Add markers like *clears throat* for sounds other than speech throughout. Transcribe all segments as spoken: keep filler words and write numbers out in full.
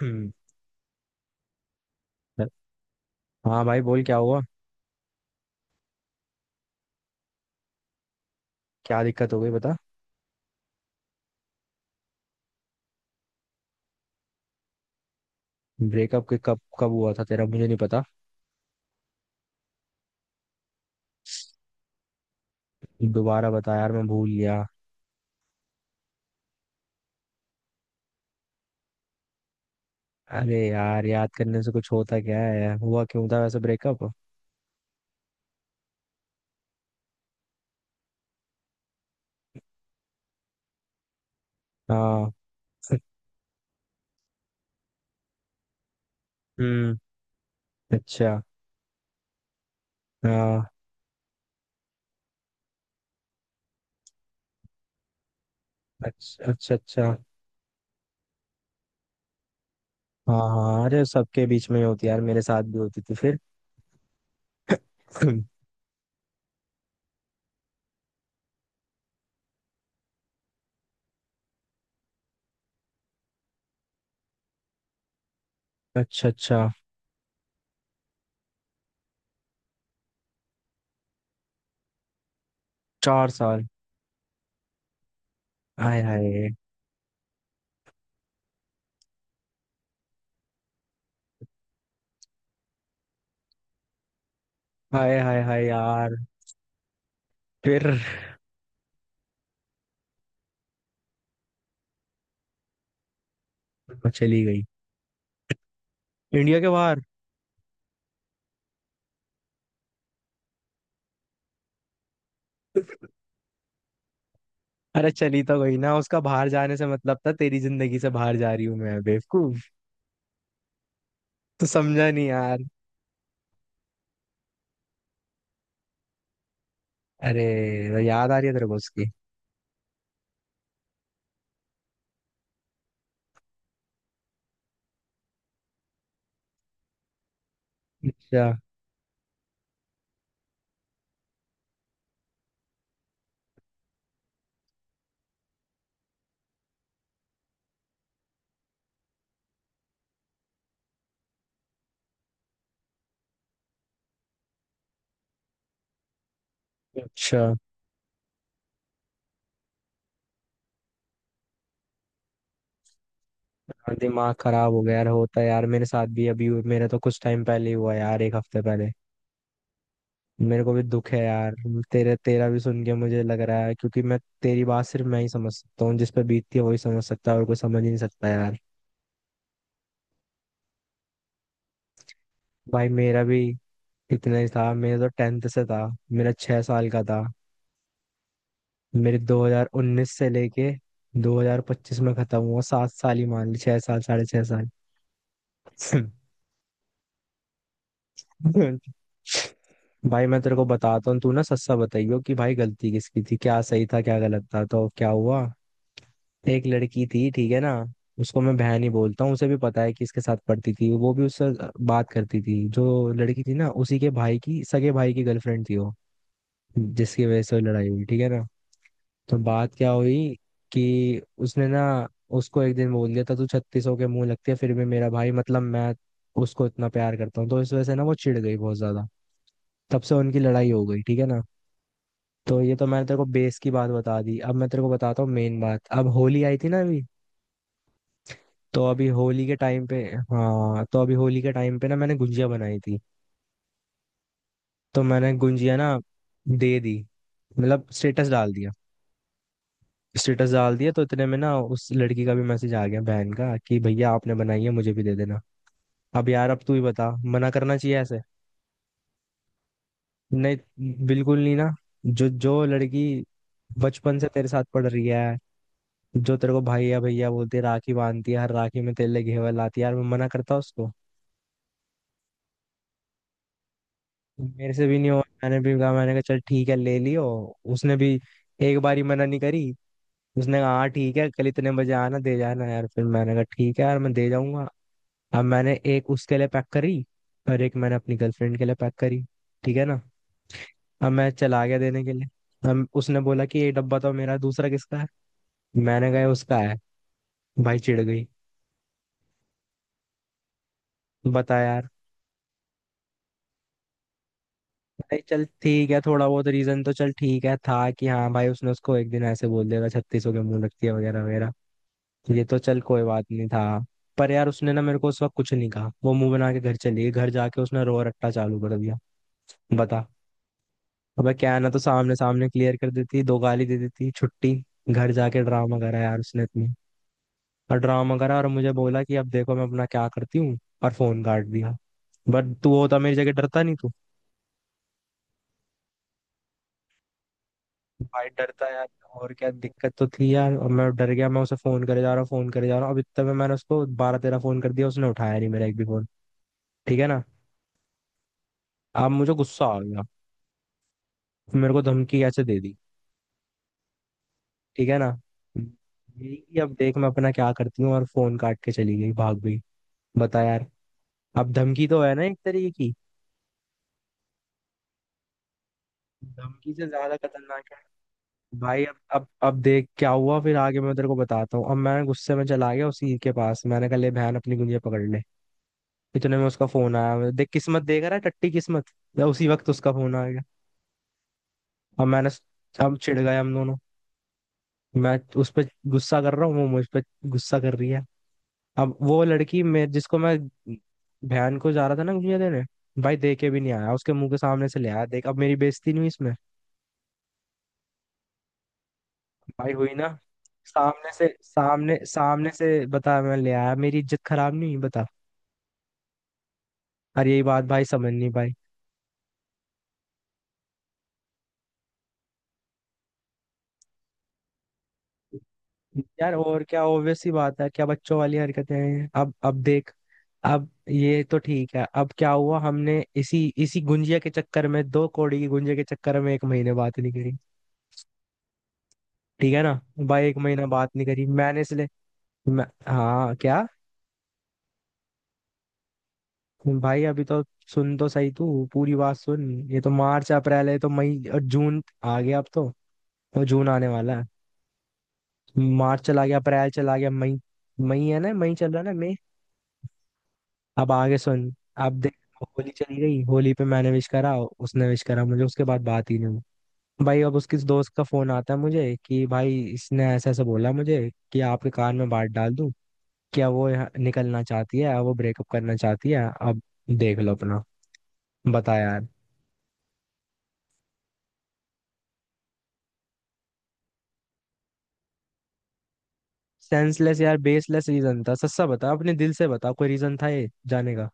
हम्म। हाँ भाई बोल क्या हुआ। क्या दिक्कत हो गई बता। ब्रेकअप के कब कब हुआ था तेरा मुझे नहीं पता। दोबारा बता यार मैं भूल गया। अरे यार याद करने से कुछ होता क्या है, हुआ क्यों था वैसे ब्रेकअप। हाँ। हम्म। अच्छा। हाँ, अच्छा अच्छा अच्छा। हाँ हाँ, अरे सबके बीच में ही होती है यार, मेरे साथ भी होती थी फिर। *clears throat* अच्छा अच्छा। चार साल। हाय हाय हाय हाय हाय यार। फिर। चली गई इंडिया के बाहर। अरे चली तो गई ना, उसका बाहर जाने से मतलब था तेरी जिंदगी से बाहर जा रही हूँ मैं बेवकूफ। तो समझा नहीं यार। अरे। याद आ रही है तेरे को उसकी। अच्छा अच्छा। हाँ, दिमाग खराब हो गया यार, होता है यार, मेरे साथ भी अभी मेरे तो कुछ टाइम पहले ही हुआ यार, एक हफ्ते पहले। मेरे को भी दुख है यार। तेरे तेरा भी सुन के मुझे लग रहा है क्योंकि मैं तेरी बात सिर्फ मैं ही समझ सकता हूँ, जिस पे बीतती है वही समझ सकता है और कोई समझ ही नहीं सकता यार। भाई मेरा भी इतना ही था, मेरा तो टेंथ से था। मेरा छह साल का था। मेरे दो हज़ार उन्नीस से लेके दो हज़ार पच्चीस में खत्म हुआ, सात साल ही मान ली, छह साल, साढ़े छह साल। *laughs* भाई मैं तेरे को बताता हूँ, तू ना सच्चा बताइयो कि भाई गलती किसकी थी, क्या सही था क्या गलत था, तो क्या हुआ। एक लड़की थी ठीक है ना, उसको मैं बहन ही बोलता हूँ, उसे भी पता है। कि इसके साथ पढ़ती थी वो, भी उससे बात करती थी। जो लड़की थी ना, उसी के भाई की, सगे भाई की गर्लफ्रेंड थी वो, जिसकी वजह से वो लड़ाई हुई ठीक है ना। तो बात क्या हुई कि उसने ना उसको एक दिन बोल दिया था तू छत्तीसों के मुंह लगती है, फिर भी मेरा भाई मतलब मैं उसको इतना प्यार करता हूँ, तो इस वजह से ना वो चिढ़ गई बहुत ज्यादा। तब से उनकी लड़ाई हो गई ठीक है ना। तो ये तो मैंने तेरे को बेस की बात बता दी, अब मैं तेरे को बताता हूँ मेन बात। अब होली आई थी ना अभी, तो अभी होली के टाइम पे, हाँ तो अभी होली के टाइम पे ना मैंने गुंजिया बनाई थी। तो मैंने गुंजिया ना दे दी, मतलब स्टेटस डाल दिया। स्टेटस डाल दिया तो इतने में ना उस लड़की का भी मैसेज आ गया, बहन का, कि भैया आपने बनाई है मुझे भी दे देना। अब यार अब तू ही बता मना करना चाहिए ऐसे। नहीं बिल्कुल नहीं ना। जो जो लड़की बचपन से तेरे साथ पढ़ रही है, जो तेरे को भैया भैया बोलती है, राखी बांधती है, हर राखी में तेरे लिए घेवर लाती है यार, मैं मना करता उसको। मेरे से भी नहीं हुआ, मैंने भी कहा, मैंने कहा चल ठीक है ले लियो। उसने भी एक बारी मना नहीं करी, उसने कहा हाँ ठीक है कल इतने बजे आना दे जाना यार, फिर मैंने कहा ठीक है यार मैं दे जाऊंगा। अब मैंने एक उसके लिए पैक करी और एक मैंने अपनी गर्लफ्रेंड के लिए पैक करी ठीक है ना। अब मैं चला गया देने के लिए। अब उसने बोला कि ये डब्बा तो मेरा है, दूसरा किसका है। मैंने कहा "ये उसका है"। भाई चिढ़ गई। बता यार। नहीं चल ठीक है थोड़ा बहुत रीजन तो चल ठीक है था कि हाँ भाई, उसने उसको एक दिन ऐसे बोल दिया था, छत्तीस हो के मुंह रखती है वगैरह वगैरह। ये तो चल कोई बात नहीं था। पर यार उसने ना मेरे को उस वक्त कुछ नहीं कहा, वो मुंह बना के घर चली गई, घर जाके उसने रो रट्टा चालू कर दिया। बता। अबे क्या ना, तो सामने सामने क्लियर कर देती, दो गाली दे देती छुट्टी। घर जाके ड्रामा करा यार उसने इतनी, और ड्रामा करा और मुझे बोला कि अब देखो मैं अपना क्या करती हूँ, और फोन काट दिया। बट तू होता मेरी जगह डरता नहीं तू। भाई डरता यार, और क्या दिक्कत तो थी यार, और मैं डर गया। मैं उसे फोन करे जा रहा हूँ, फोन करे जा रहा हूँ, अब इतने में मैंने उसको बारह तेरह फोन कर दिया, उसने उठाया नहीं मेरा एक भी फोन, ठीक है ना। अब मुझे गुस्सा आ गया। मेरे को धमकी कैसे दे दी, ठीक है ना। यही कि अब देख मैं अपना क्या करती हूँ, और फोन काट के चली गई, भाग गई। बता यार। अब धमकी तो है ना एक तरीके की। धमकी से ज्यादा खतरनाक है भाई। अब अब अब देख क्या हुआ फिर आगे मैं तेरे को बताता हूँ। अब मैं गुस्से में चला गया उसी के पास, मैंने कहा ले बहन अपनी गुंजिया पकड़ ले। इतने में उसका फोन आया, मैं- देख किस्मत देख रहा है टट्टी किस्मत। तो उसी वक्त उसका फोन आ गया। अब मैंने अब चिढ़ गए हम दोनों। मैं उस पर गुस्सा कर रहा हूँ, वो मुझ पर गुस्सा कर रही है। अब वो लड़की, मैं जिसको मैं बहन को जा रहा था ना गुंजिया देने, भाई दे के भी नहीं आया, उसके मुंह के सामने से ले आया। देख अब मेरी बेइज्जती नहीं हुई इसमें। भाई हुई ना। सामने से, सामने सामने से, बता मैं ले आया, मेरी इज्जत खराब नहीं हुई बता। और यही बात भाई समझ नहीं पाई यार, और क्या ऑब्वियस सी बात है, क्या बच्चों वाली हरकतें हैं। अब अब देख। अब ये तो ठीक है, अब क्या हुआ, हमने इसी इसी गुंजिया के चक्कर में, दो कौड़ी की गुंजिया के चक्कर में एक महीने बात नहीं करी ठीक है ना। भाई एक महीना बात नहीं करी मैंने इसलिए। मैं, हाँ क्या। भाई अभी तो सुन तो सही, तू पूरी बात सुन। ये तो मार्च अप्रैल है, ये तो मई और जून आ गया अब तो। वो जून आने वाला है। मार्च चला गया, अप्रैल चला गया, मई। मई है ना, मई चल रहा है ना मई। अब आगे सुन। अब देख होली चली गई, होली पे मैंने विश करा उसने विश करा मुझे, उसके बाद बात ही नहीं हुई। भाई अब उसके दोस्त का फोन आता है मुझे कि भाई इसने ऐसा ऐसा बोला मुझे कि आपके कान में बात डाल दूं, क्या वो यहाँ निकलना चाहती है, वो ब्रेकअप करना चाहती है, अब देख लो अपना। बता यार। सेंसलेस यार, बेसलेस रीजन था सस्ता, बता अपने दिल से बता कोई रीजन था ये जाने का।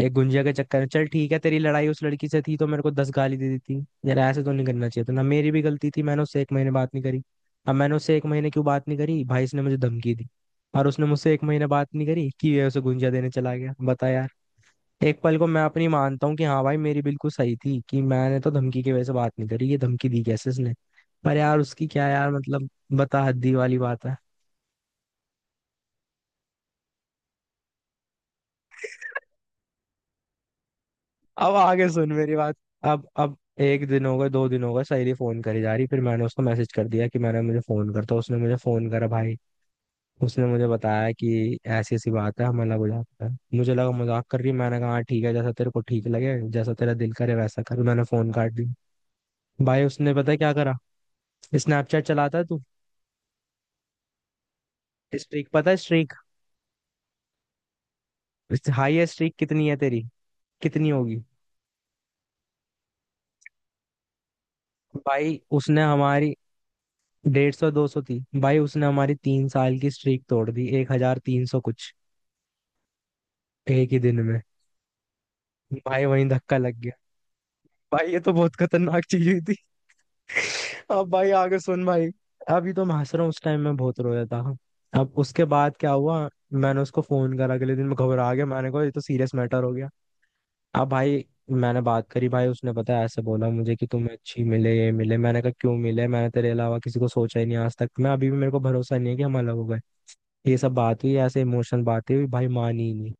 एक गुंजिया के चक्कर में, चल ठीक है तेरी लड़ाई उस लड़की से थी तो मेरे को दस गाली दे दी थी, यार ऐसे तो नहीं करना चाहिए था ना। मेरी भी गलती थी, मैंने उससे एक महीने बात नहीं करी। अब मैंने उससे एक महीने क्यों बात नहीं करी, भाई इसने मुझे धमकी दी। और उसने मुझसे एक महीने बात नहीं करी कि ये उसे गुंजिया देने चला गया, बता यार। एक पल को मैं अपनी मानता हूँ कि हाँ भाई मेरी बिल्कुल सही थी कि मैंने तो धमकी की वजह से बात नहीं करी, ये धमकी दी कैसे इसने। पर यार उसकी क्या यार, मतलब बता हद्दी वाली बात है। अब आगे सुन मेरी बात। अब अब एक दिन हो गया, दो दिन हो गए, सहेली फोन करी जा रही, फिर मैंने उसको मैसेज कर दिया कि मैंने, मुझे फोन करता, उसने मुझे फोन करा भाई। उसने मुझे बताया कि ऐसी ऐसी बात है, हमारा मजाक है। मुझे लगा मजाक कर रही है, मैंने कहा "हाँ, ठीक है, जैसा तेरे को ठीक लगे जैसा तेरा दिल करे वैसा कर"। मैंने फोन काट दिया। भाई उसने पता है क्या करा। स्नैपचैट चलाता है तू। स्ट्रीक पता है स्ट्रीक। हाईएस्ट स्ट्रीक कितनी है तेरी, कितनी होगी। भाई उसने हमारी, डेढ़ सौ दो सौ थी, भाई उसने हमारी तीन साल की स्ट्रीक तोड़ दी, एक हजार तीन सौ कुछ, एक ही दिन में। भाई वहीं धक्का लग गया। भाई ये तो बहुत खतरनाक चीज हुई थी। *laughs* अब भाई आगे सुन भाई। अभी तो मैं हंस रहा हूँ, उस टाइम मैं बहुत रोया था। अब उसके बाद क्या हुआ, मैंने उसको फोन करा अगले दिन, मैं घबरा गया, मैंने कहा ये तो सीरियस मैटर हो गया। अब भाई मैंने बात करी भाई, उसने पता है ऐसे बोला मुझे कि तुम्हें अच्छी मिले ये मिले, मैंने कहा क्यों मिले, मैंने तेरे अलावा किसी को सोचा ही नहीं आज तक, मैं अभी भी, मेरे को भरोसा नहीं है कि हम अलग हो गए। ये सब बात हुई, ऐसे इमोशनल बातें हुई, भाई मानी ही नहीं।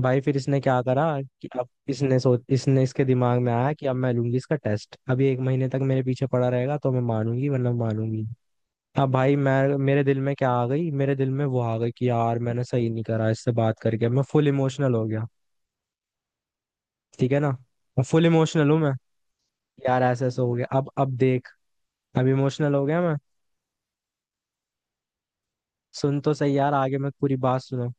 भाई फिर इसने क्या करा कि अब इसने सोच इसने इसके दिमाग में आया कि अब मैं लूंगी इसका टेस्ट, अभी एक महीने तक मेरे पीछे पड़ा रहेगा तो मैं मानूंगी वरना मानूंगी नहीं। अब भाई मैं, मेरे दिल में क्या आ गई, मेरे दिल में वो आ गई कि यार मैंने सही नहीं करा, इससे बात करके मैं फुल इमोशनल हो गया ठीक है ना। फुल इमोशनल हूँ मैं। यार ऐसे ऐसे हो गया। अब अब देख। अब इमोशनल हो गया मैं। सुन तो सही यार आगे, मैं पूरी बात सुनो।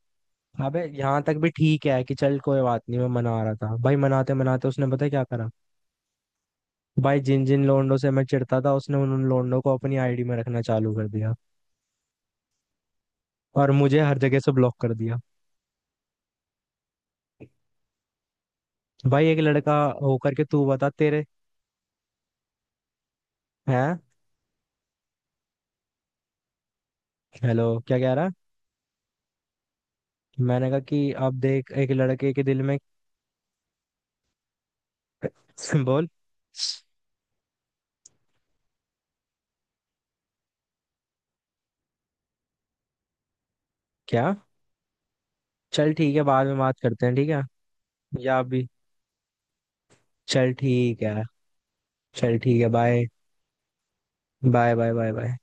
अबे यहाँ तक भी ठीक है, कि चल कोई बात नहीं, मैं मना रहा था भाई, मनाते मनाते उसने पता है क्या करा। भाई जिन जिन लोंडों से मैं चिढ़ता था, उसने उन उन लोंडों को अपनी आईडी में रखना चालू कर दिया, और मुझे हर जगह से ब्लॉक कर दिया। भाई एक लड़का होकर के, तू बता तेरे। हैं? हेलो क्या कह रहा। मैंने कहा कि अब देख एक लड़के के दिल में। *laughs* बोल। क्या। चल ठीक है बाद में बात करते हैं ठीक है। या अभी। चल ठीक है। चल ठीक है bye bye bye bye bye.